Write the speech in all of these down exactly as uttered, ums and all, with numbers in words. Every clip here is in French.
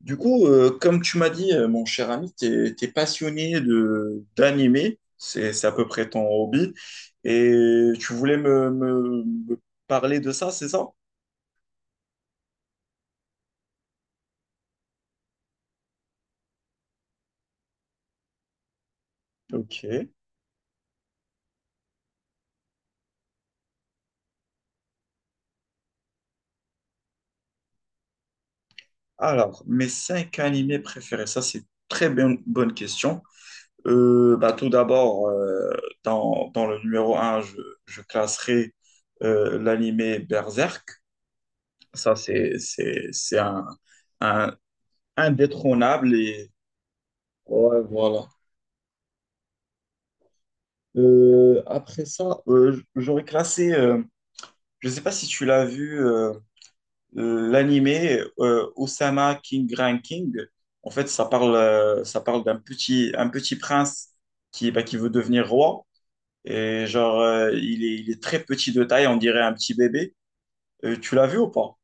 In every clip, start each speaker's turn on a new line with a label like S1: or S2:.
S1: Du coup, euh, comme tu m'as dit, euh, mon cher ami, t'es, t'es passionné de d'animé, c'est c'est à peu près ton hobby, et tu voulais me, me- me parler de ça, c'est ça? Ok. Alors, mes cinq animés préférés, ça c'est une très bonne, bonne question. Euh, bah, tout d'abord, euh, dans, dans le numéro un, je, je classerai euh, l'animé Berserk. Ça, c'est c'est- c'est un, un indétrônable et ouais, voilà. Euh, après ça, euh, j- j'aurais classé, euh, je ne sais pas si tu l'as vu, euh, euh, l'animé euh, Osama King Ranking. En fait, ça parle, euh, ça parle d'un petit, un petit prince qui, bah, qui veut devenir roi. Et genre, euh, il est, il est très petit de taille, on dirait un petit bébé. Euh, tu l'as vu ou pas?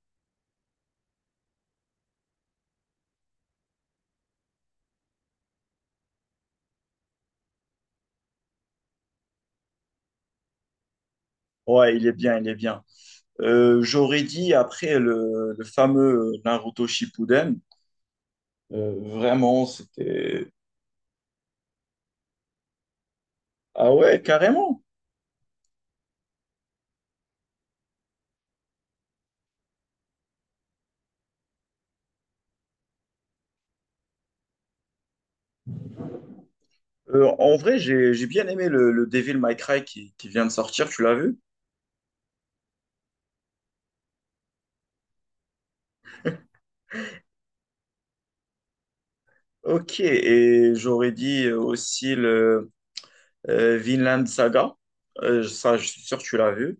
S1: Ouais, il est bien, il est bien. Euh, j'aurais dit après le, le fameux Naruto Shippuden, euh, vraiment, c'était... Ah ouais, carrément. Euh, en vrai, j'ai j'ai bien aimé le, le Devil May Cry qui, qui vient de sortir, tu l'as vu? Ok, et j'aurais dit euh, aussi le euh, Vinland Saga. Euh, ça, je suis sûr que tu l'as vu.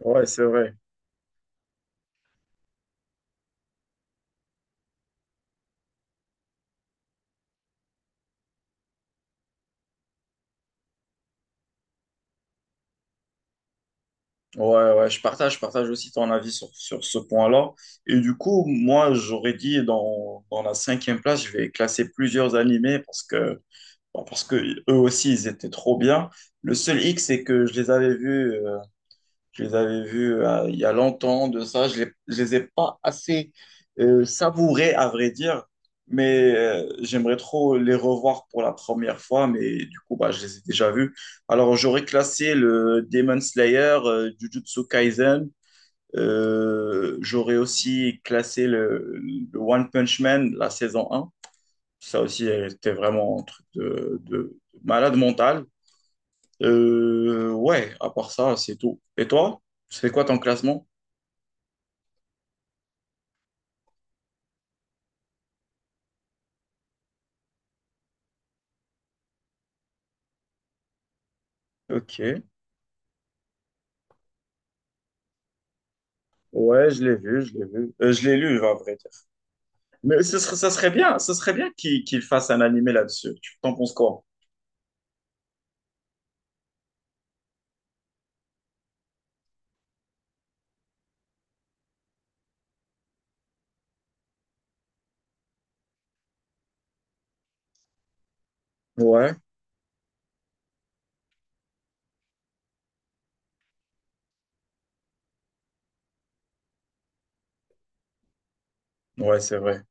S1: Ouais, c'est vrai. Ouais, ouais, je partage, je partage aussi ton avis sur, sur ce point-là. Et du coup, moi, j'aurais dit dans, dans la cinquième place, je vais classer plusieurs animés parce que, bah, parce que eux aussi, ils étaient trop bien. Le seul hic, c'est que je les avais vus euh, Je les avais vus euh, il y a longtemps de ça. Je les, je les ai pas assez euh, savourés, à vrai dire, mais euh, j'aimerais trop les revoir pour la première fois, mais du coup, bah, je les ai déjà vus. Alors, j'aurais classé le Demon Slayer, euh, Jujutsu Kaisen. Euh, j'aurais aussi classé le, le One Punch Man, la saison un. Ça aussi, elle était vraiment un truc de, de malade mental. Euh, ouais, à part ça, c'est tout. Et toi, c'est quoi ton classement? Ok. Ouais, je l'ai vu, je l'ai vu. Euh, je l'ai lu, à vrai dire. Mais ce serait, ça serait bien, ce serait bien qu'il qu'il fasse un animé là-dessus. Tu t'en penses quoi? Ouais, ouais, c'est vrai.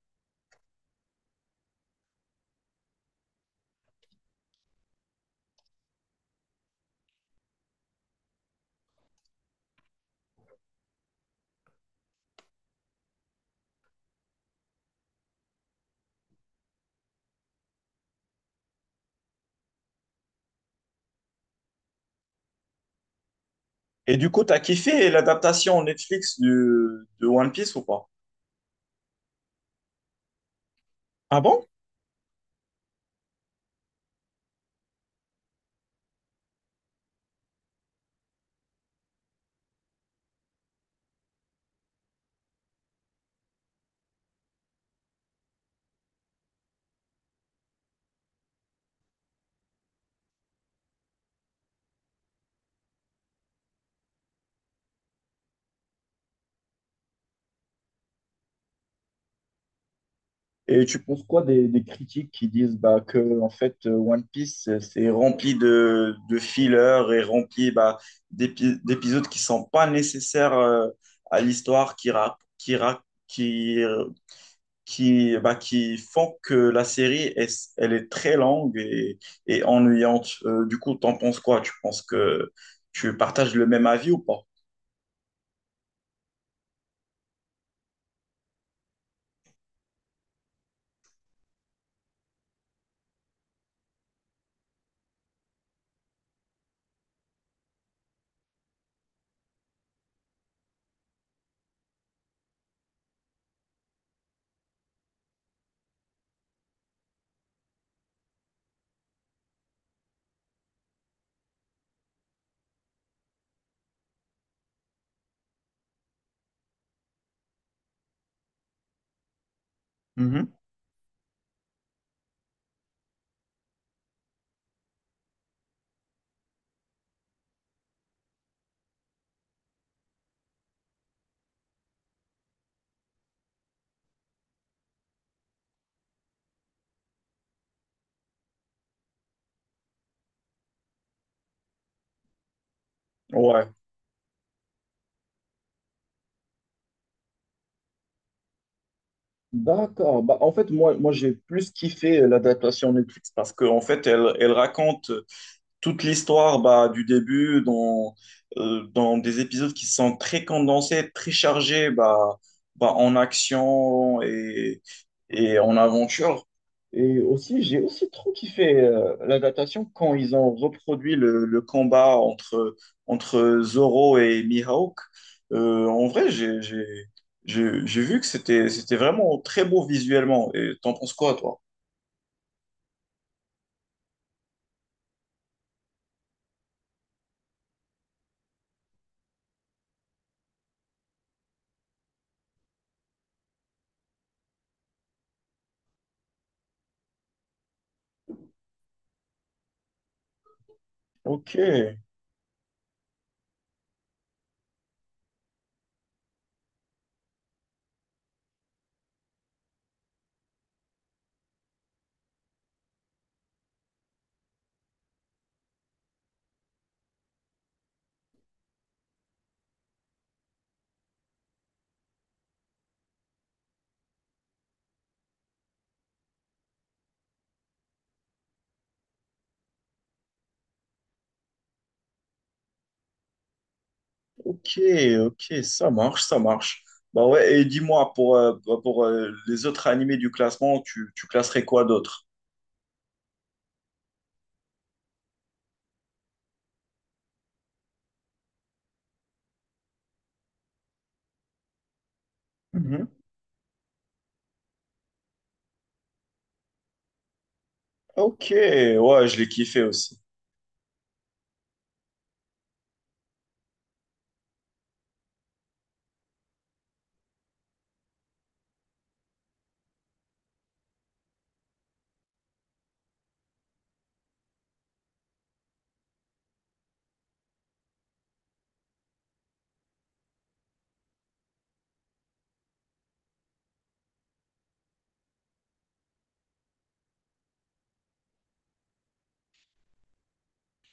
S1: Et du coup, t'as kiffé l'adaptation Netflix du, de One Piece ou pas? Ah bon? Et tu penses quoi des, des critiques qui disent bah, que en fait euh, One Piece euh, c'est rempli de, de fillers et rempli bah, d'épi- d'épisodes qui sont pas nécessaires euh, à l'histoire qui, ra- qui, ra- qui qui, bah, qui font que la série, est, elle est très longue et, et ennuyante. Euh, du coup, t'en penses quoi? Tu penses que tu partages le même avis ou pas? Mhm. Ouais. D'accord. Bah, en fait, moi, moi j'ai plus kiffé euh, l'adaptation Netflix. Parce qu'en fait, elle, elle raconte toute l'histoire bah, du début dans, euh, dans des épisodes qui sont très condensés, très chargés bah, bah, en action et, et en aventure. Et aussi, j'ai aussi trop kiffé euh, l'adaptation quand ils ont reproduit le, le combat entre, entre Zoro et Mihawk. Euh, en vrai, j'ai, j'ai, j'ai j'ai vu que c'était, c'était vraiment très beau visuellement. Et t'en penses quoi, toi? Ok. Ok, ok, ça marche, ça marche. Bah ouais, et dis-moi, pour, euh, bah, pour euh, les autres animés du classement, tu, tu classerais quoi d'autre? Mhm. Ok, ouais, je l'ai kiffé aussi.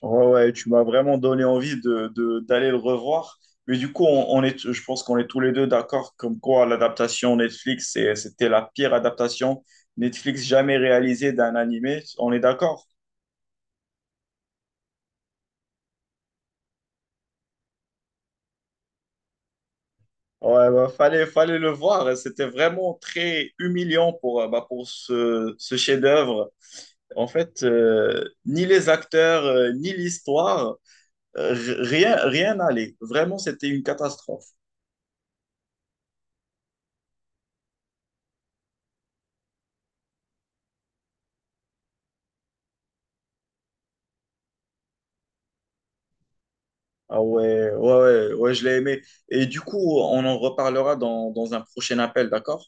S1: Ouais, ouais, tu m'as vraiment donné envie de, de- d'aller le revoir. Mais du coup, on, on est, je pense qu'on est tous les deux d'accord comme quoi l'adaptation Netflix, c'est- c'était la pire adaptation Netflix jamais réalisée d'un animé. On est d'accord? Ouais, bah, fallait, fallait le voir. C'était vraiment très humiliant pour, euh, bah, pour ce, ce chef-d'œuvre. En fait, euh, ni les acteurs, euh, ni l'histoire, euh, r- rien, rien n'allait. Vraiment, c'était une catastrophe. Ah ouais, ouais, ouais, ouais, je l'ai aimé. Et du coup, on en reparlera dans, dans un prochain appel, d'accord?